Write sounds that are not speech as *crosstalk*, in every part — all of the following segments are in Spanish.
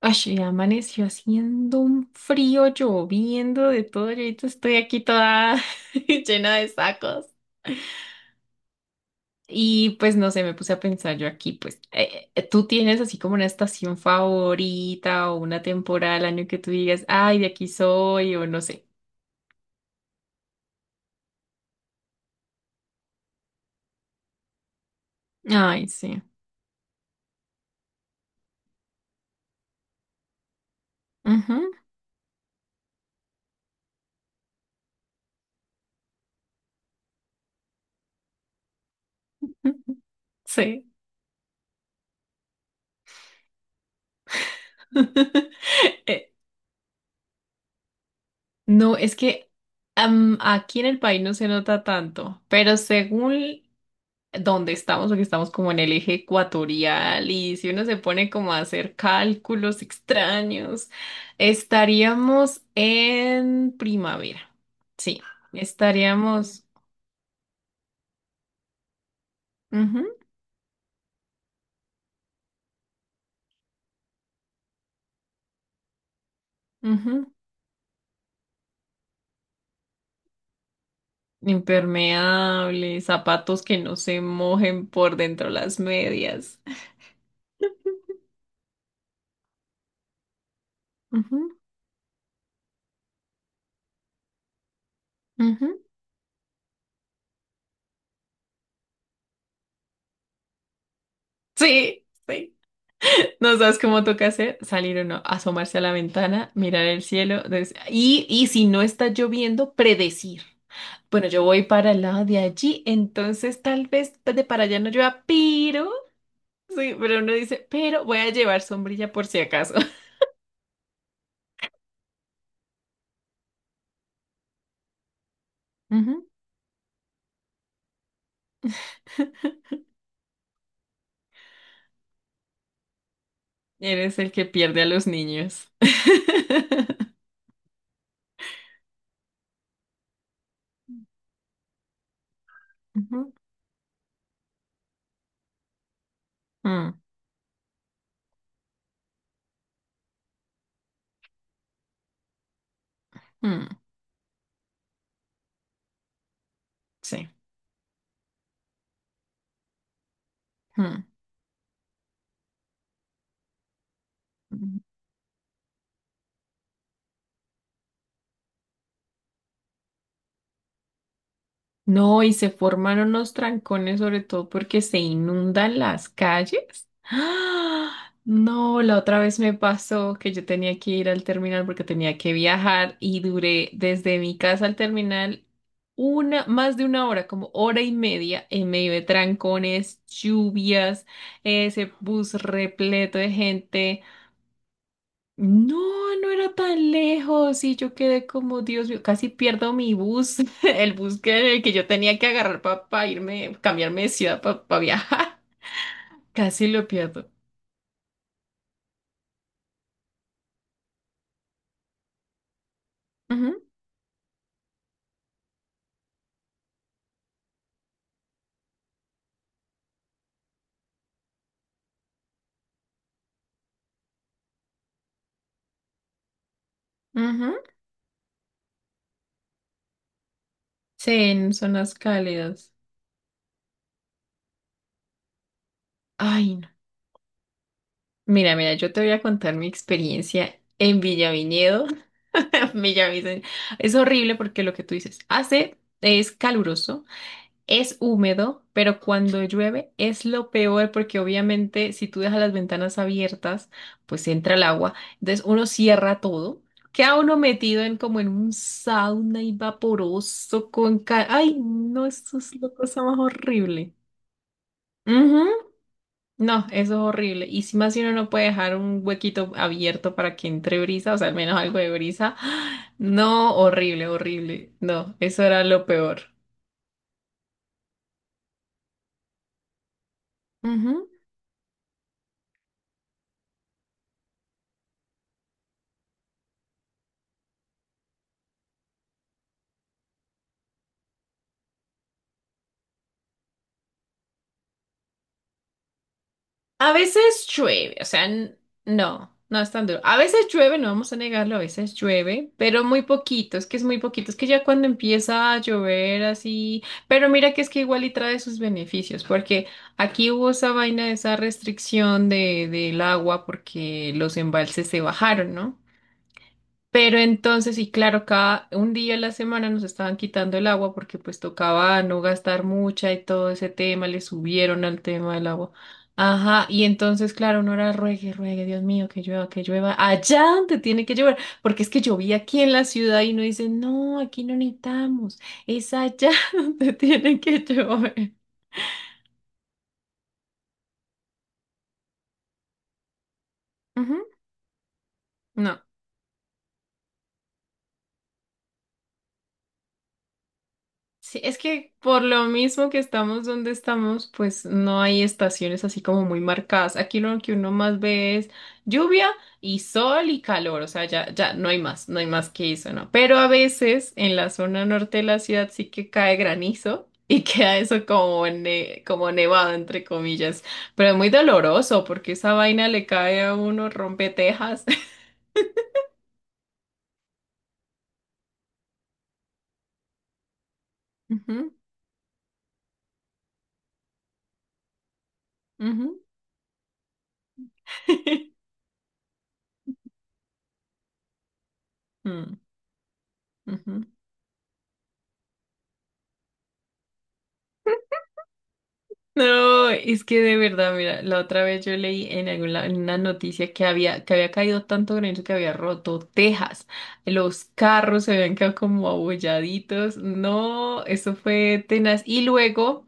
Ay, y amaneció haciendo un frío, lloviendo de todo. Yo ahorita estoy aquí toda *laughs* llena de sacos. Y pues no sé, me puse a pensar yo aquí, pues, ¿tú tienes así como una estación favorita o una temporada del año que tú digas, ay, de aquí soy o no sé? Ay, sí. Ujú, ujú. Sí. *laughs* Eh, No, es que aquí en el país no se nota tanto, pero según donde estamos, porque estamos como en el eje ecuatorial y si uno se pone como a hacer cálculos extraños, estaríamos en primavera. Sí, estaríamos. Ujú, ujú. Impermeables, zapatos que no se mojen por dentro las medias. Ujú, ujú. Sí, sí. No sabes cómo toca hacer, salir o no, asomarse a la ventana, mirar el cielo, y si no está lloviendo, predecir. Bueno, yo voy para el lado de allí, entonces tal vez de para allá no llueva, pero, sí, pero uno dice, pero voy a llevar sombrilla por si acaso. Ujú. *laughs* Eres el que pierde a los niños. *laughs* Ujú. Mm, mm, sí. Mm. Mm. No, y se formaron los trancones, sobre todo porque se inundan las calles. ¡Ah! No, la otra vez me pasó que yo tenía que ir al terminal porque tenía que viajar y duré desde mi casa al terminal una, más de una hora, como hora y media, en medio de trancones, lluvias, ese bus repleto de gente. No, no era tan lejos y yo quedé como, Dios mío, casi pierdo mi bus, *laughs* el bus que yo tenía que agarrar para irme, cambiarme de ciudad para viajar. *laughs* Casi lo pierdo. Ujú, ujú. Sí, en zonas cálidas. Ay, no. Mira, mira, yo te voy a contar mi experiencia en Villaviñedo. *laughs* Villavicencio. Es horrible porque lo que tú dices hace es caluroso. Es húmedo, pero cuando llueve es lo peor porque obviamente si tú dejas las ventanas abiertas, pues entra el agua. Entonces uno cierra todo, queda uno metido en como en un sauna y vaporoso con... Ay, no, eso es la cosa más horrible. Ujú. No, eso es horrible. Y si más si uno no puede dejar un huequito abierto para que entre brisa, o sea, al menos algo de brisa. *gasps* No, horrible, horrible. No, eso era lo peor. A veces llueve, o sea, no, no es tan duro. A veces llueve, no vamos a negarlo, a veces llueve, pero muy poquito, es que es muy poquito, es que ya cuando empieza a llover así, pero mira que es que igual y trae sus beneficios, porque aquí hubo esa vaina, esa restricción de, del agua porque los embalses se bajaron, ¿no? Pero entonces, y claro, cada un día a la semana nos estaban quitando el agua porque pues tocaba no gastar mucha y todo ese tema, le subieron al tema del agua. Ajá, y entonces, claro, uno era ruegue, ruegue, Dios mío, que llueva, allá donde tiene que llover, porque es que llovía aquí en la ciudad y uno dice, no, aquí no necesitamos, es allá *laughs* donde tiene que llover. Ujú. No. Sí, es que por lo mismo que estamos donde estamos, pues no hay estaciones así como muy marcadas. Aquí lo que uno más ve es lluvia y sol y calor, o sea, ya, ya no hay más, no hay más que eso, ¿no? Pero a veces en la zona norte de la ciudad sí que cae granizo y *laughs* queda eso como, como nevado, entre comillas, pero es muy doloroso porque esa vaina le cae a uno, rompe tejas. *laughs* Ujú, ujú. *laughs* Mm, ujú. No, es que de verdad, mira, la otra vez yo leí en alguna en una noticia que había caído tanto granizo que había roto tejas, los carros se habían quedado como abolladitos, no, eso fue tenaz. Y luego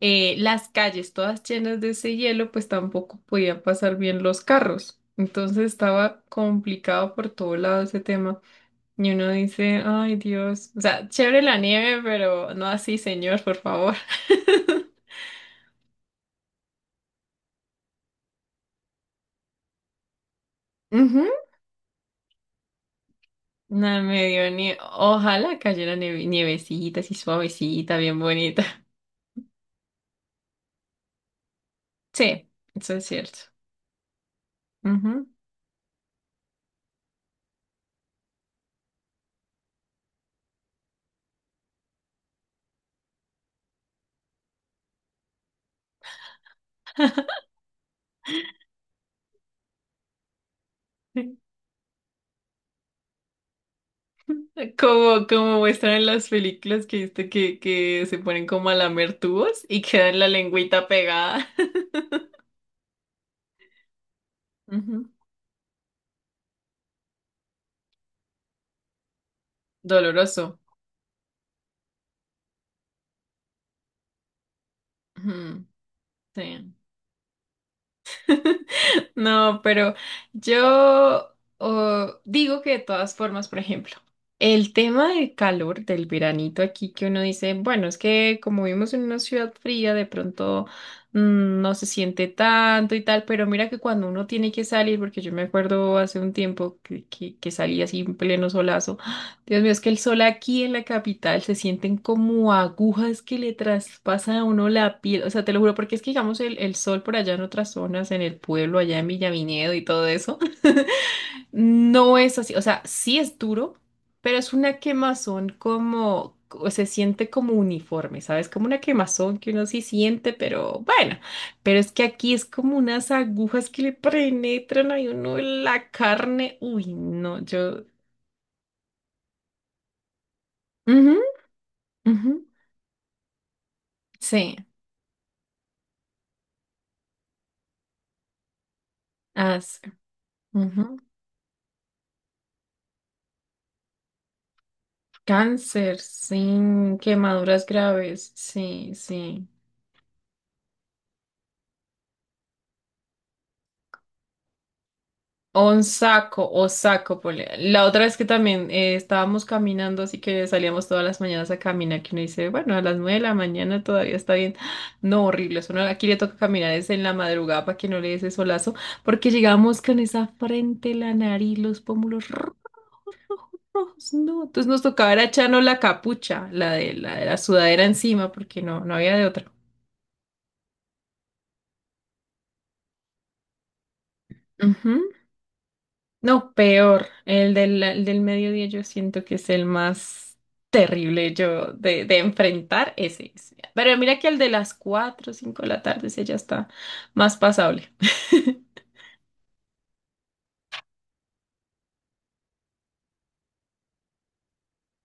las calles todas llenas de ese hielo, pues tampoco podían pasar bien los carros. Entonces estaba complicado por todo lado ese tema. Y uno dice, ay Dios, o sea, chévere la nieve, pero no así, señor, por favor. *laughs* No me dio ni... Ojalá cayera nievecita, así suavecita, bien bonita. Sí, eso es cierto. Ujú. *laughs* Como, como muestran en las películas que viste que se ponen como a lamer tubos y quedan la lengüita pegada. *laughs* Ujú. Doloroso. Ujú. Sí. *laughs* No, pero yo digo que de todas formas, por ejemplo, el tema del calor, del veranito aquí, que uno dice, bueno, es que como vivimos en una ciudad fría, de pronto no se siente tanto y tal, pero mira que cuando uno tiene que salir, porque yo me acuerdo hace un tiempo que salí así en pleno solazo. Dios mío, es que el sol aquí en la capital se sienten como agujas que le traspasan a uno la piel. O sea, te lo juro, porque es que digamos el sol por allá en otras zonas, en el pueblo, allá en Villavinedo y todo eso, *laughs* no es así. O sea, sí es duro, pero es una quemazón como, o se siente como uniforme, ¿sabes? Como una quemazón que uno sí siente, pero bueno. Pero es que aquí es como unas agujas que le penetran a uno en la carne. Uy, no, yo. Ujú, ujú. Sí, as, ujú. Cáncer, sin quemaduras graves, sí, sí. Onsaco o saco, ponle. La otra vez que también estábamos caminando, así que salíamos todas las mañanas a caminar, que uno dice, bueno, a las 9 de la mañana todavía está bien. No, horrible, eso no, aquí le toca caminar es en la madrugada para que no le dé ese solazo, porque llegamos con esa frente, la nariz, los pómulos rojos, no. Entonces nos tocaba era echarnos la capucha, la de la, de la sudadera encima, porque no, no había de otra. Ujú. No, peor. El del mediodía yo siento que es el más terrible yo de enfrentar ese, ese. Pero mira que el de las cuatro o 5 de la tarde, ese ya está más pasable. *laughs*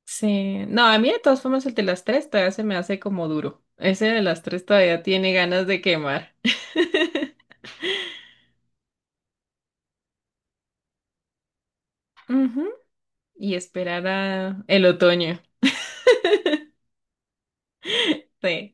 Sí. No, a mí de todas formas el de las 3 todavía se me hace como duro. Ese de las 3 todavía tiene ganas de quemar. *laughs* Ujú. Y esperar a el otoño. Sí.